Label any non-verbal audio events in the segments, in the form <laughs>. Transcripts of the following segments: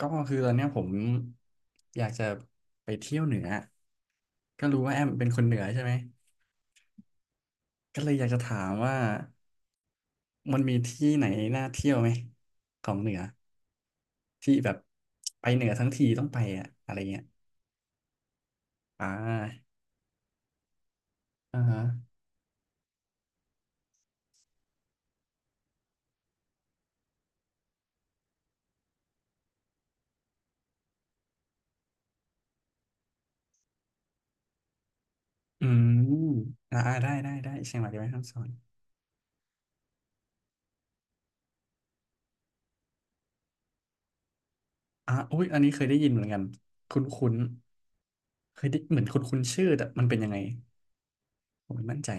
ก็คือตอนเนี้ยผมอยากจะไปเที่ยวเหนือก็รู้ว่าแอมเป็นคนเหนือใช่ไหมก็เลยอยากจะถามว่ามันมีที่ไหนน่าเที่ยวไหมของเหนือที่แบบไปเหนือทั้งทีต้องไปอะอะไรเงี้ยอ่าอ่าฮะอืมอ่าอ่าได้ได้ได้เชียงใหม่ได้ไหมคำสอนอ่าอุ้ยอันนี้เคยได้ยินเหมือนกันคุ้นคุ้นเคยได้เหมือนคุ้นคุ้นชื่อแต่มันเป็นยังไงผมไม่มั่นใจ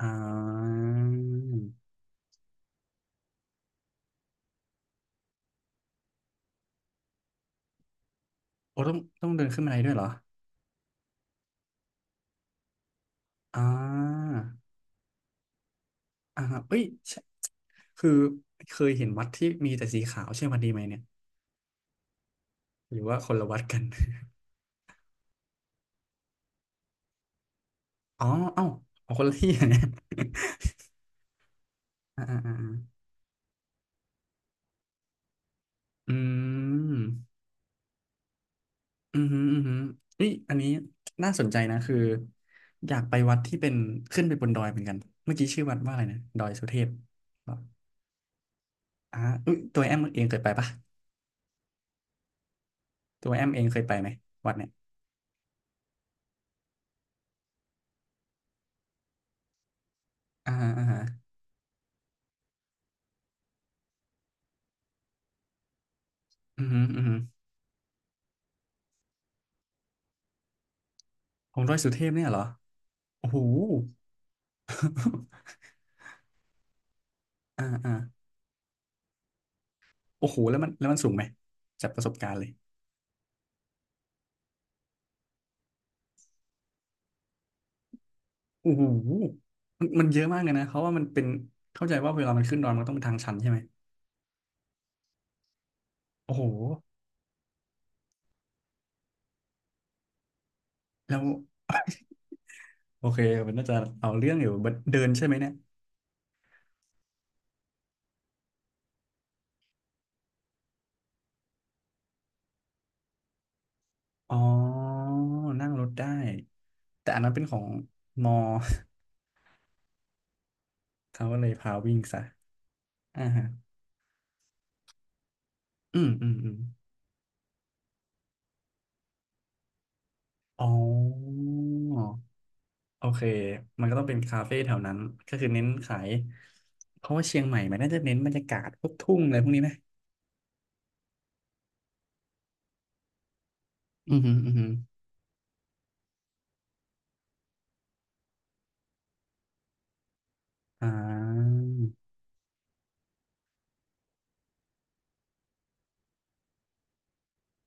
อ่าโอ้ต้องเดินขึ้นบันไดด้วยเหรอ อ่าอ่าฮะเอ้ยใช่คือเคยเห็นวัดที่มีแต่สีขาวใช่วันดนีไหมเนี่ยหรือว่าคนละวัดกัน <laughs> อ๋อเอ้าอองคนละที่อะเนี่ย <laughs> อ่าอ่าอ่าอืมอืมอหืมออือหือเอ้ยอันนี้น่าสนใจนะคืออยากไปวัดที่เป็นขึ้นไปบนดอยเหมือนกันเมื่อกี้ชื่อวัดว่าอะไรนะดอยสุเทพเหรออ่าเอ้ยตัวแอมเองเคยไปปะตัวแอมเองเคยไปไหมวัดเนี่ยอ่าฮะอ่าฮะอืมอหืมออืมอหือของดอยสุเทพเนี่ยเหรอโอ้โห <laughs> อ่าอ่าโอ้โหแล้วมันสูงไหมจากประสบการณ์เลยโอ้โหมันเยอะมากเลยนะเพราะว่ามันเป็นเข้าใจว่าเวลามันขึ้นดอยมันต้องเป็นทางชันใช่ไหมโอ้โหแล้ว <laughs> โอเคมันน่าจะเอาเรื่องอยู่บัดเดินใช่ไหมเนี่ยอ๋อนั่งรถได้แต่อันนั้นเป็นของมอ <laughs> เขาก็เลยพาวิ่งซะอ่าฮะอืมอืมอืมอ๋อ โอเคมันก็ต้องเป็นคาเฟ่แถวนั้นก็คือเน้นขายเพราะว่าเชียงใหม่มันน่าจะเน้นบรรยากาศพวกทุ่งอะไรพวกนี้ไหมอืมอหืมออือหืออ่า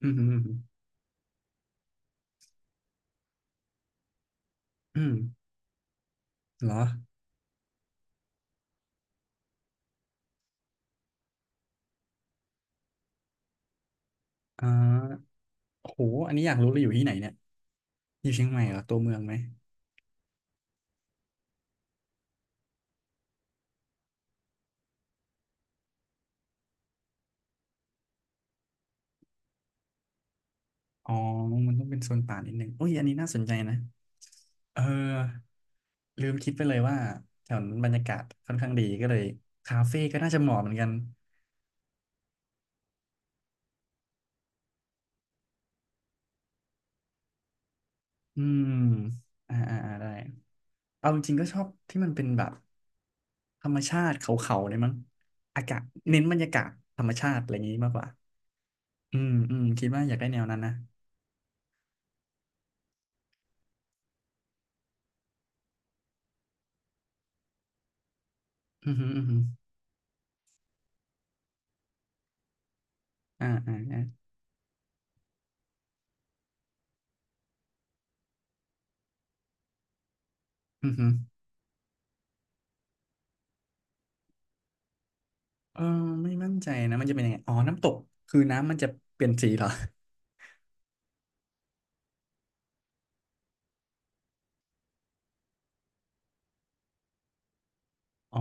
อืมอหืมออืมเหรออ่าโหอันนี้อยากรู้เลยอยู่ที่ไหนเนี่ยอยู่เชียงใหม่เหรอตัวเมืองไหมอ๋อมันต้องเป็นโซนป่านิดนึงโอ้ยอันนี้น่าสนใจนะเออลืมคิดไปเลยว่าแถวนั้นบรรยากาศค่อนข้างดีก็เลยคาเฟ่ก็น่าจะเหมาะเหมือนกันอืมอ่าอ่าอ่าได้ เอาจริงๆก็ชอบที่มันเป็นแบบธรรมชาติเขาๆเลยมั้งอากาศเน้นบรรยากาศธรรมชาติอะไรอย่างนี้มากกว่าอืมอืมคิดว่าอยากได้แนวนั้นนะอือฮึอือฮึอ่าอ่าอ่าอือฮึเออไม่มั่นใจนะมันจะเป็นยังไงอ๋อน้ำตกคือน้ำมันจะเปลี่ยนสีเหรออ๋อ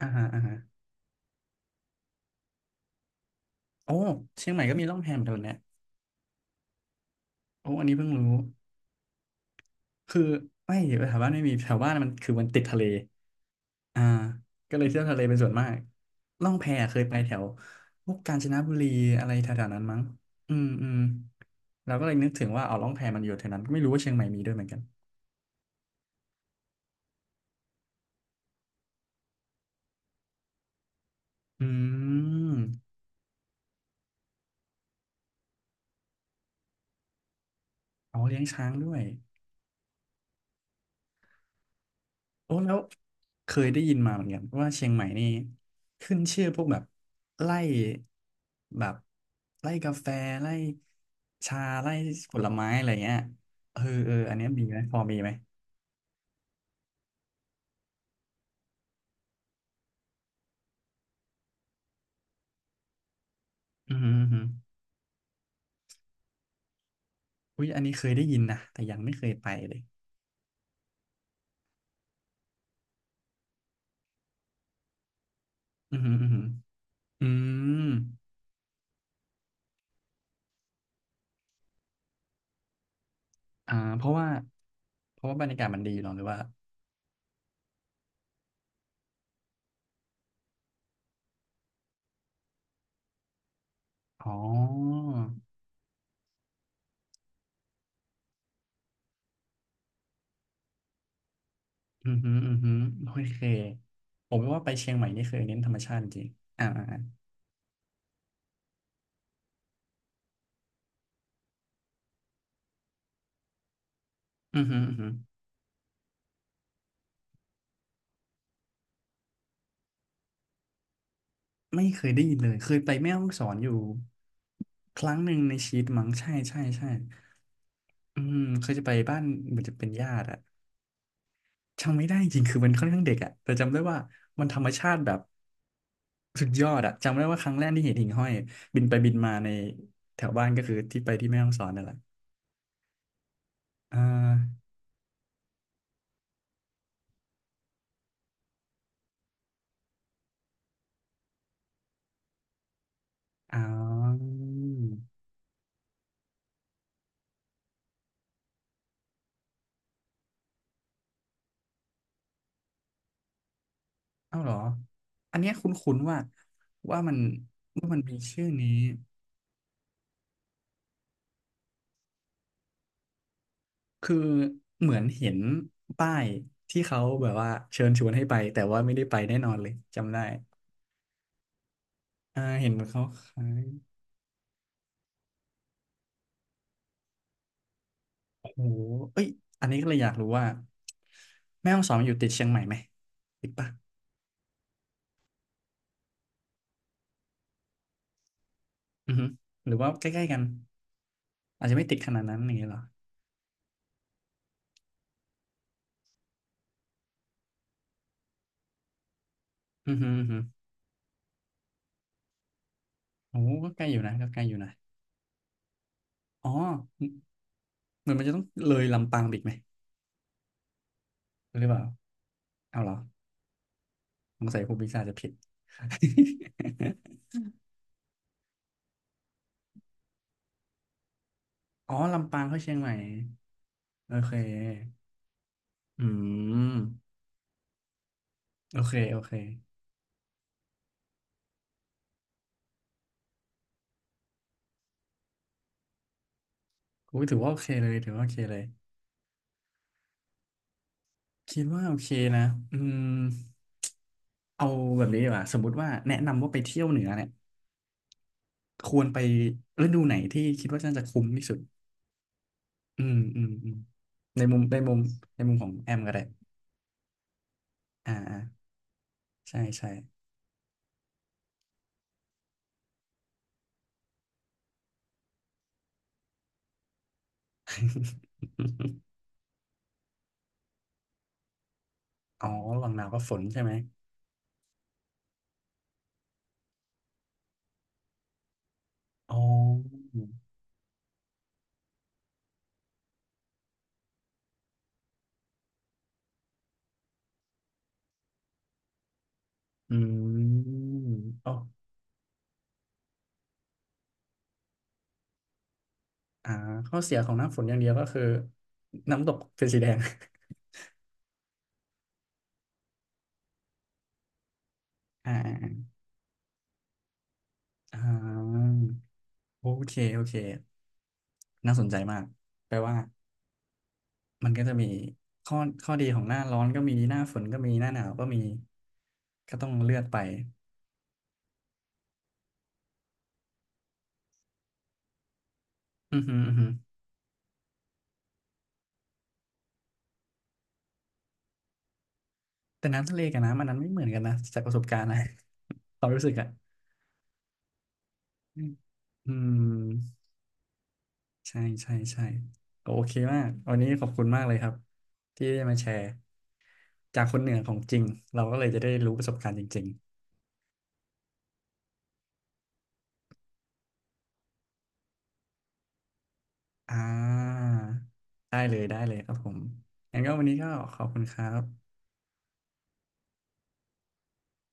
อ่าฮะอ่าฮะโอ้เชียงใหม่ก็มีร่องแพเหมือนกันเนี่ยโอ้อันนี้เพิ่งรู้คือไม่แถวบ้านไม่มีแถวบ้านมันคือมันติดทะเล อ่าก็เลยเที่ยวทะเลเป็นส่วนมากล่องแพเคยไปแถวพวกกาญจนบุรีอะไรแถวๆนั้นมั้งอืมอืมเราก็เลยนึกถึงว่าเอาล่องแพมันอยู่แถวนั้นไม่รู้ว่าเชียงใหม่มีด้วยเหมือนกันอืมเอาเลี้ยงช้างด้วยโอ้แล้วเคยได้ยินมาเหมือนกันว่าเชียงใหม่นี่ขึ้นชื่อพวกแบบไล่แบบไล่กาแฟไล่ชาไล่ผลไม้อะไรเงี้ยเออเอออันเนี้ยมีไหมพอมีไหมอืม อุ้ยอันนี้เคยได้ยินนะแต่ยังไม่เคยไปเลยอือหืออือหืออืมอ่าเพราะว่าบรรยากาศมันดีเนาะหรือว่าอ๋ออือหืออือหือโอเคผมว่าไปเชียงใหม่นี่เคยเน้นธรรมชาติจริงๆอ่าอ่าอือหืออือหือไม่เคยได้ยินเลยเคยไปแม่ฮ่องสอนอยู่ครั้งหนึ่งในชีวิตมั้งใช่ใช่ใช่อืมเคยจะไปบ้านเหมือนจะเป็นญาติอะ จำไม่ได้จริงๆคือมันค่อนข้างเด็กอะแต่จำได้ว่ามันธรรมชาติแบบสุดยอดอะจำได้ว่าครั้งแรกที่เห็นหิ่งห้อยบินไปบินมาในแถวบ้านก็คือที่ไปที่แม่ฮ่องสอนนั่นแหละอ่าอ๋อเอ้าเหรออันเนี้ยคุ้นๆว่าว่ามันว่ามันมีชื่อนี้คือเหมือนเห็นป้ายที่เขาแบบว่าเชิญชวนให้ไปแต่ว่าไม่ได้ไปแน่นอนเลยจำได้อ่าเห็นเขาขาย โอ้โหเอ้ยอันนี้ก็เลยอยากรู้ว่าแม่ฮ่องสอนอยู่ติดเชียงใหม่ไหมติดปะอือฮึหรือว่าใกล้ๆกันอาจจะไม่ติดขนาดนั้นอย่างเงี้ยเหรออือฮึอือฮึโอ้ก็ใกล้อยู่นะก็ใกล้อยู่นะอ๋อเหมือนมันจะต้องเลยลำปางไปอีกไหมหรือเปล่าเอาเหรอสงสัยครูปีชาจจะผิด <laughs> อ๋อลำปางเข้าเชียงใหม่โอเคอืมโอเคโอเคกูถือว่าโอเคเลยถือว่าโอเคเลยคิดว่าโอเคนะอืม เอาแบบนี้ดีกว่าสมมติว่าแนะนำว่าไปเที่ยวเหนือเนี่ยควรไปฤดูไหนที่คิดว่าน่าจะคุ้มที่สุดอืมอืมอืมในมุมในมุมในมุมของแอมก็ได้อ่าอ่าใช่ใช่ <laughs> อ๋อระหว่างหนาวกับฝนใช่ไหมอ๋ออืมอ๋ออ่าข้อเสียของหน้าฝนอย่างเดียวก็คือน้ำตกเป็นสีแดง <laughs> อ่าอ่าอ่าอ่าโอเคโอเคน่าสนใจมากแปลว่า มันก็จะมีข้อข้อดีของหน้าร้อนก็มีหน้าฝนก็มีหน้าหนาวก็มีก็ต้องเลือกไปอือหืออือหือแต่น้ำทะเลกับน้ำอันนั้นไม่เหมือนกันนะจากประสบการณ์นะ <laughs> ความรู้สึกอะอืมอืมใช่ใช่ใช่ก็โอเคมากวันนี้ขอบคุณมากเลยครับที่ได้มาแชร์จากคนเหนือของจริงเราก็เลยจะได้รู้ประสบการณ์จริงๆอ่าได้เลยได้เลยครับผมงั้นก็วันนี้ก็ขอบคุณครับ